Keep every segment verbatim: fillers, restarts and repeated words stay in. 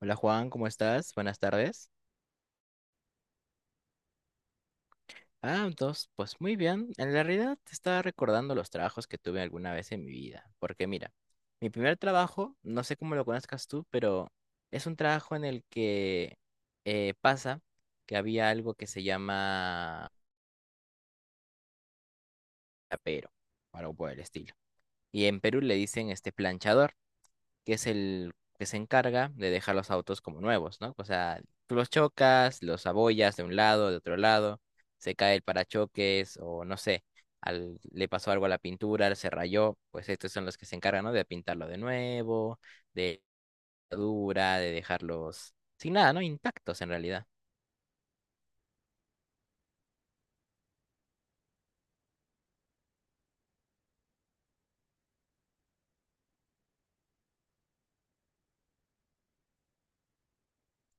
Hola Juan, ¿cómo estás? Buenas tardes. Ah, entonces, pues muy bien. En la realidad te estaba recordando los trabajos que tuve alguna vez en mi vida. Porque mira, mi primer trabajo, no sé cómo lo conozcas tú, pero es un trabajo en el que eh, pasa que había algo que se llama tapero, o algo por el estilo. Y en Perú le dicen este planchador, que es el que se encarga de dejar los autos como nuevos, ¿no? O sea, tú los chocas, los abollas de un lado, de otro lado, se cae el parachoques o no sé, al- le pasó algo a la pintura, se rayó, pues estos son los que se encargan, ¿no? De pintarlo de nuevo, de dura, de dejarlos sin nada, ¿no? Intactos en realidad.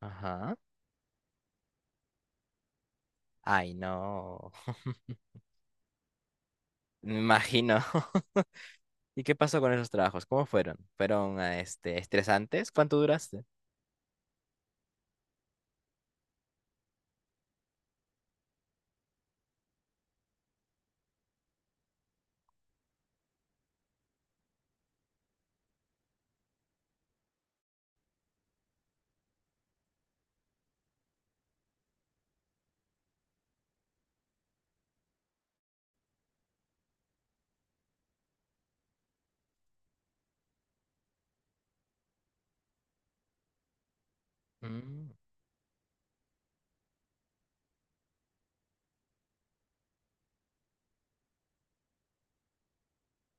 Ajá. Ay, no. Me imagino. ¿Y qué pasó con esos trabajos? ¿Cómo fueron? ¿Fueron ah, este, estresantes? ¿Cuánto duraste? Mm,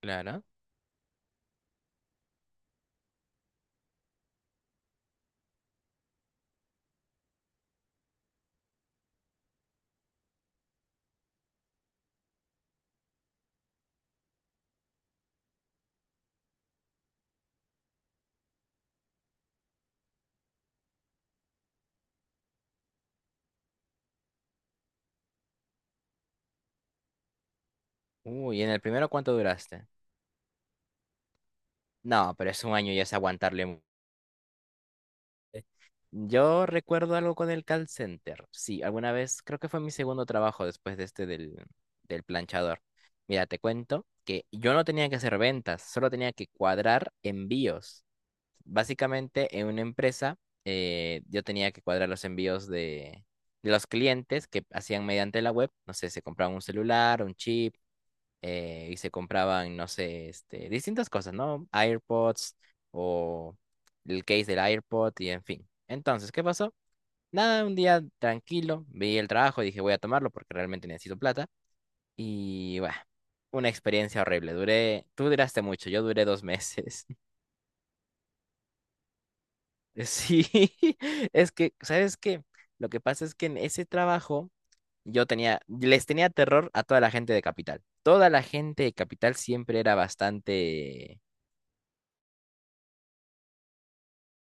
claro. Uy, ¿en el primero cuánto duraste? No, pero es un año y es aguantarle. mu- eh. Yo recuerdo algo con el call center. Sí, alguna vez, creo que fue mi segundo trabajo después de este del, del planchador. Mira, te cuento que yo no tenía que hacer ventas, solo tenía que cuadrar envíos. Básicamente, en una empresa, eh, yo tenía que cuadrar los envíos de, de los clientes que hacían mediante la web. No sé, se compraban un celular, un chip eh, y se compraban, no sé, este, distintas cosas, ¿no? AirPods o el case del AirPod y en fin. Entonces, ¿qué pasó? Nada, un día tranquilo, vi el trabajo y dije voy a tomarlo porque realmente necesito plata. Y bueno, una experiencia horrible. Duré, tú duraste mucho, yo duré dos meses. Sí, es que, ¿sabes qué? Lo que pasa es que en ese trabajo yo tenía, les tenía terror a toda la gente de Capital. Toda la gente de Capital siempre era bastante.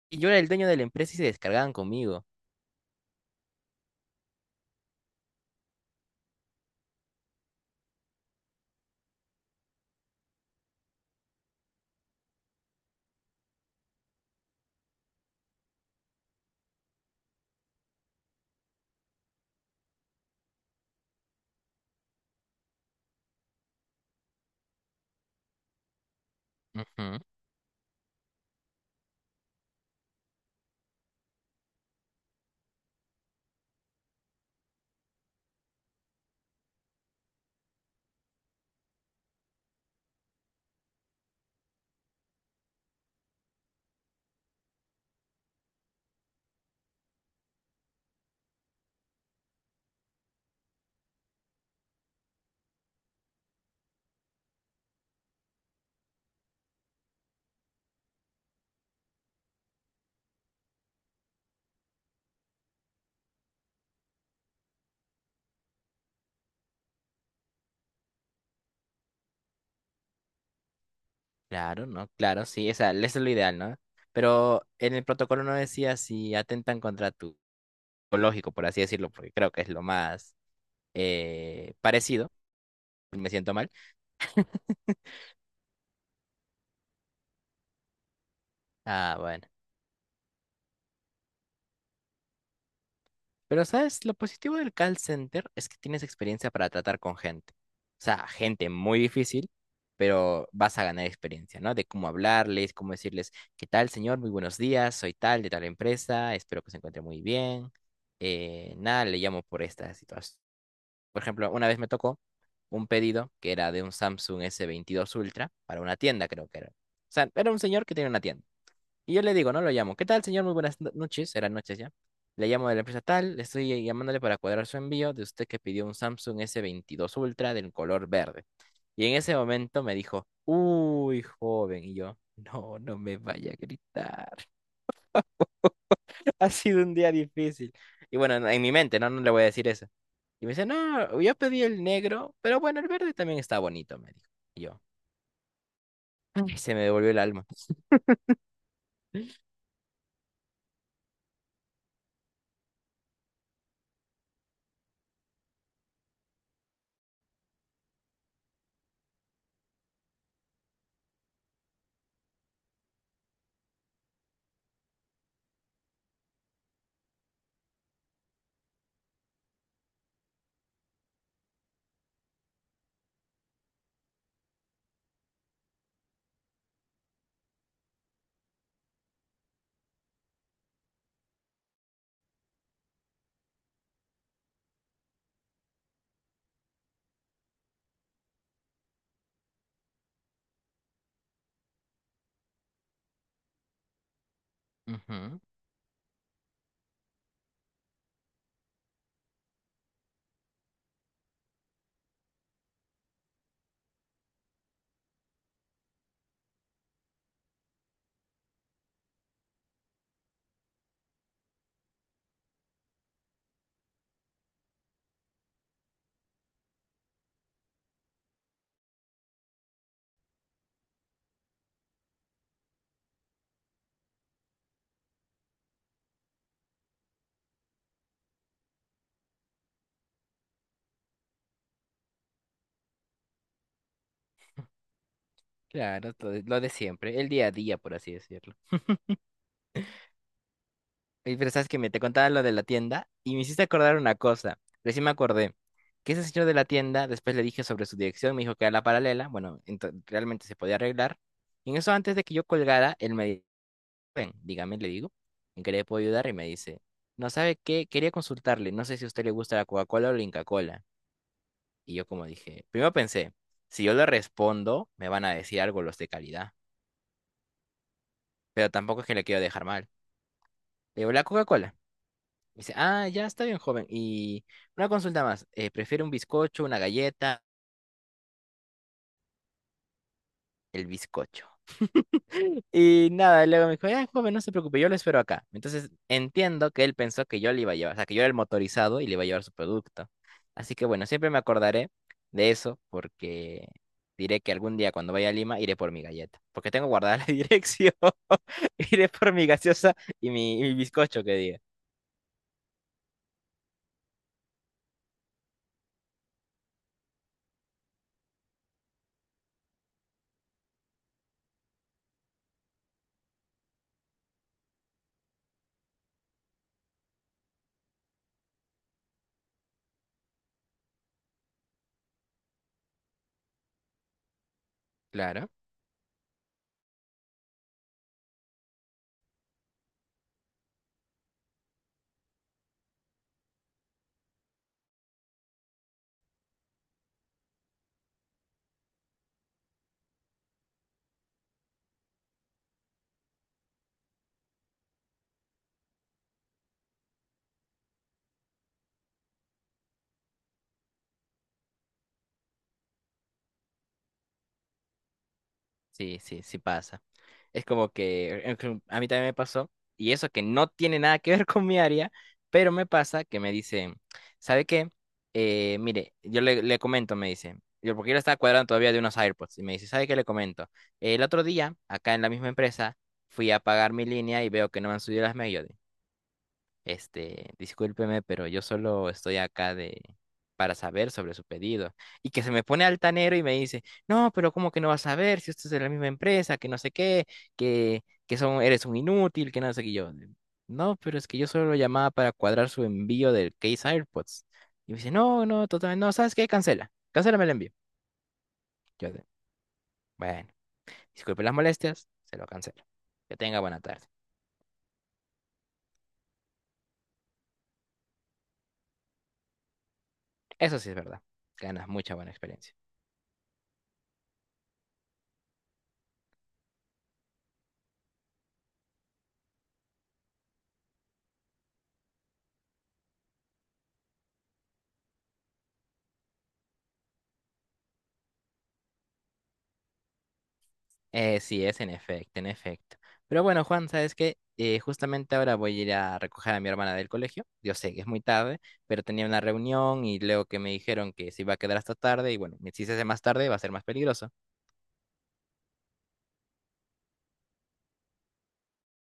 Y yo era el dueño de la empresa y se descargaban conmigo. Ujú. Claro, ¿no? Claro, sí, o sea, eso es lo ideal, ¿no? Pero en el protocolo no decía si atentan contra tu lógico, por así decirlo, porque creo que es lo más eh, parecido. Me siento mal. Ah, bueno. Pero, ¿sabes? Lo positivo del call center es que tienes experiencia para tratar con gente. O sea, gente muy difícil, pero vas a ganar experiencia, ¿no? De cómo hablarles, cómo decirles, ¿qué tal, señor? Muy buenos días, soy tal, de tal empresa, espero que se encuentre muy bien. Eh, nada, le llamo por esta situación. Por ejemplo, una vez me tocó un pedido que era de un Samsung S veintidós Ultra para una tienda, creo que era. O sea, era un señor que tenía una tienda. Y yo le digo, no lo llamo. ¿Qué tal, señor? Muy buenas no- noches. Eran noches ya. Le llamo de la empresa tal. Le Estoy llamándole para cuadrar su envío de usted que pidió un Samsung s veintidós Ultra del color verde. Y en ese momento me dijo, uy, joven. Y yo, no, no me vaya a gritar. Ha sido un día difícil. Y bueno, en en mi mente, no, no le voy a decir eso. Y me dice, no, yo pedí el negro, pero bueno, el verde también está bonito, me dijo. Y yo, ay, se me devolvió el alma. Ujú. Claro, lo de, lo de siempre, el día a día, por así decirlo. Oye, pero sabes que me te contaba lo de la tienda y me hiciste acordar una cosa. Recién me acordé que ese señor de la tienda, después le dije sobre su dirección, me dijo que era la paralela. Bueno, ento- realmente se podía arreglar. Y en eso, antes de que yo colgara, él me dijo, ven, dígame, le digo, ¿en qué le puedo ayudar? Y me dice, no sabe qué, quería consultarle, no sé si a usted le gusta la Coca-Cola o la Inca-Cola. Y yo como dije, primero pensé, si yo le respondo, me van a decir algo los de calidad, pero tampoco es que le quiero dejar mal. Le digo, la Coca-Cola. Me dice, ah, ya está bien, joven. Y una consulta más, eh, ¿prefiere un bizcocho, una galleta? El bizcocho. Y nada, luego me dijo, ya, joven, no se preocupe, yo lo espero acá. Entonces entiendo que él pensó que yo le iba a llevar, o sea, que yo era el motorizado y le iba a llevar su producto. Así que bueno, siempre me acordaré de eso porque diré que algún día cuando vaya a Lima iré por mi galleta, porque tengo guardada la dirección. Iré por mi gaseosa y mi, y mi bizcocho que diga. Claro, sí, sí, sí pasa. Es como que eh, que a mí también me pasó, y eso que no tiene nada que ver con mi área, pero me pasa que me dicen, ¿sabe qué? Eh, mire, yo le, le comento, me dice, yo porque yo le estaba cuadrando todavía de unos AirPods, y me dice, ¿sabe qué le comento? El otro día, acá en la misma empresa, fui a pagar mi línea y veo que no me han subido las medias. Este, discúlpeme, pero yo solo estoy acá de para saber sobre su pedido. Y que se me pone altanero y me dice, no, pero ¿cómo que no vas a ver si usted es de la misma empresa, que no sé qué, que, que son, eres un inútil, que no sé qué. Y yo, no, pero es que yo solo lo llamaba para cuadrar su envío del case AirPods. Y me dice, no, no, totalmente, no, ¿sabes qué? Cancela, cancélame el envío. Yo de, bueno, disculpe las molestias, se lo cancelo. Que tenga buena tarde. Eso sí es verdad, ganas mucha buena experiencia. Eh, sí, es en efecto, en efecto. Pero bueno, Juan, ¿sabes qué? Eh, justamente ahora voy a ir a recoger a mi hermana del colegio. Yo sé que es muy tarde, pero tenía una reunión y luego que me dijeron que se iba a quedar hasta tarde y bueno, si se hace más tarde va a ser más peligroso.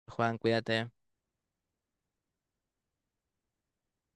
Juan, cuídate.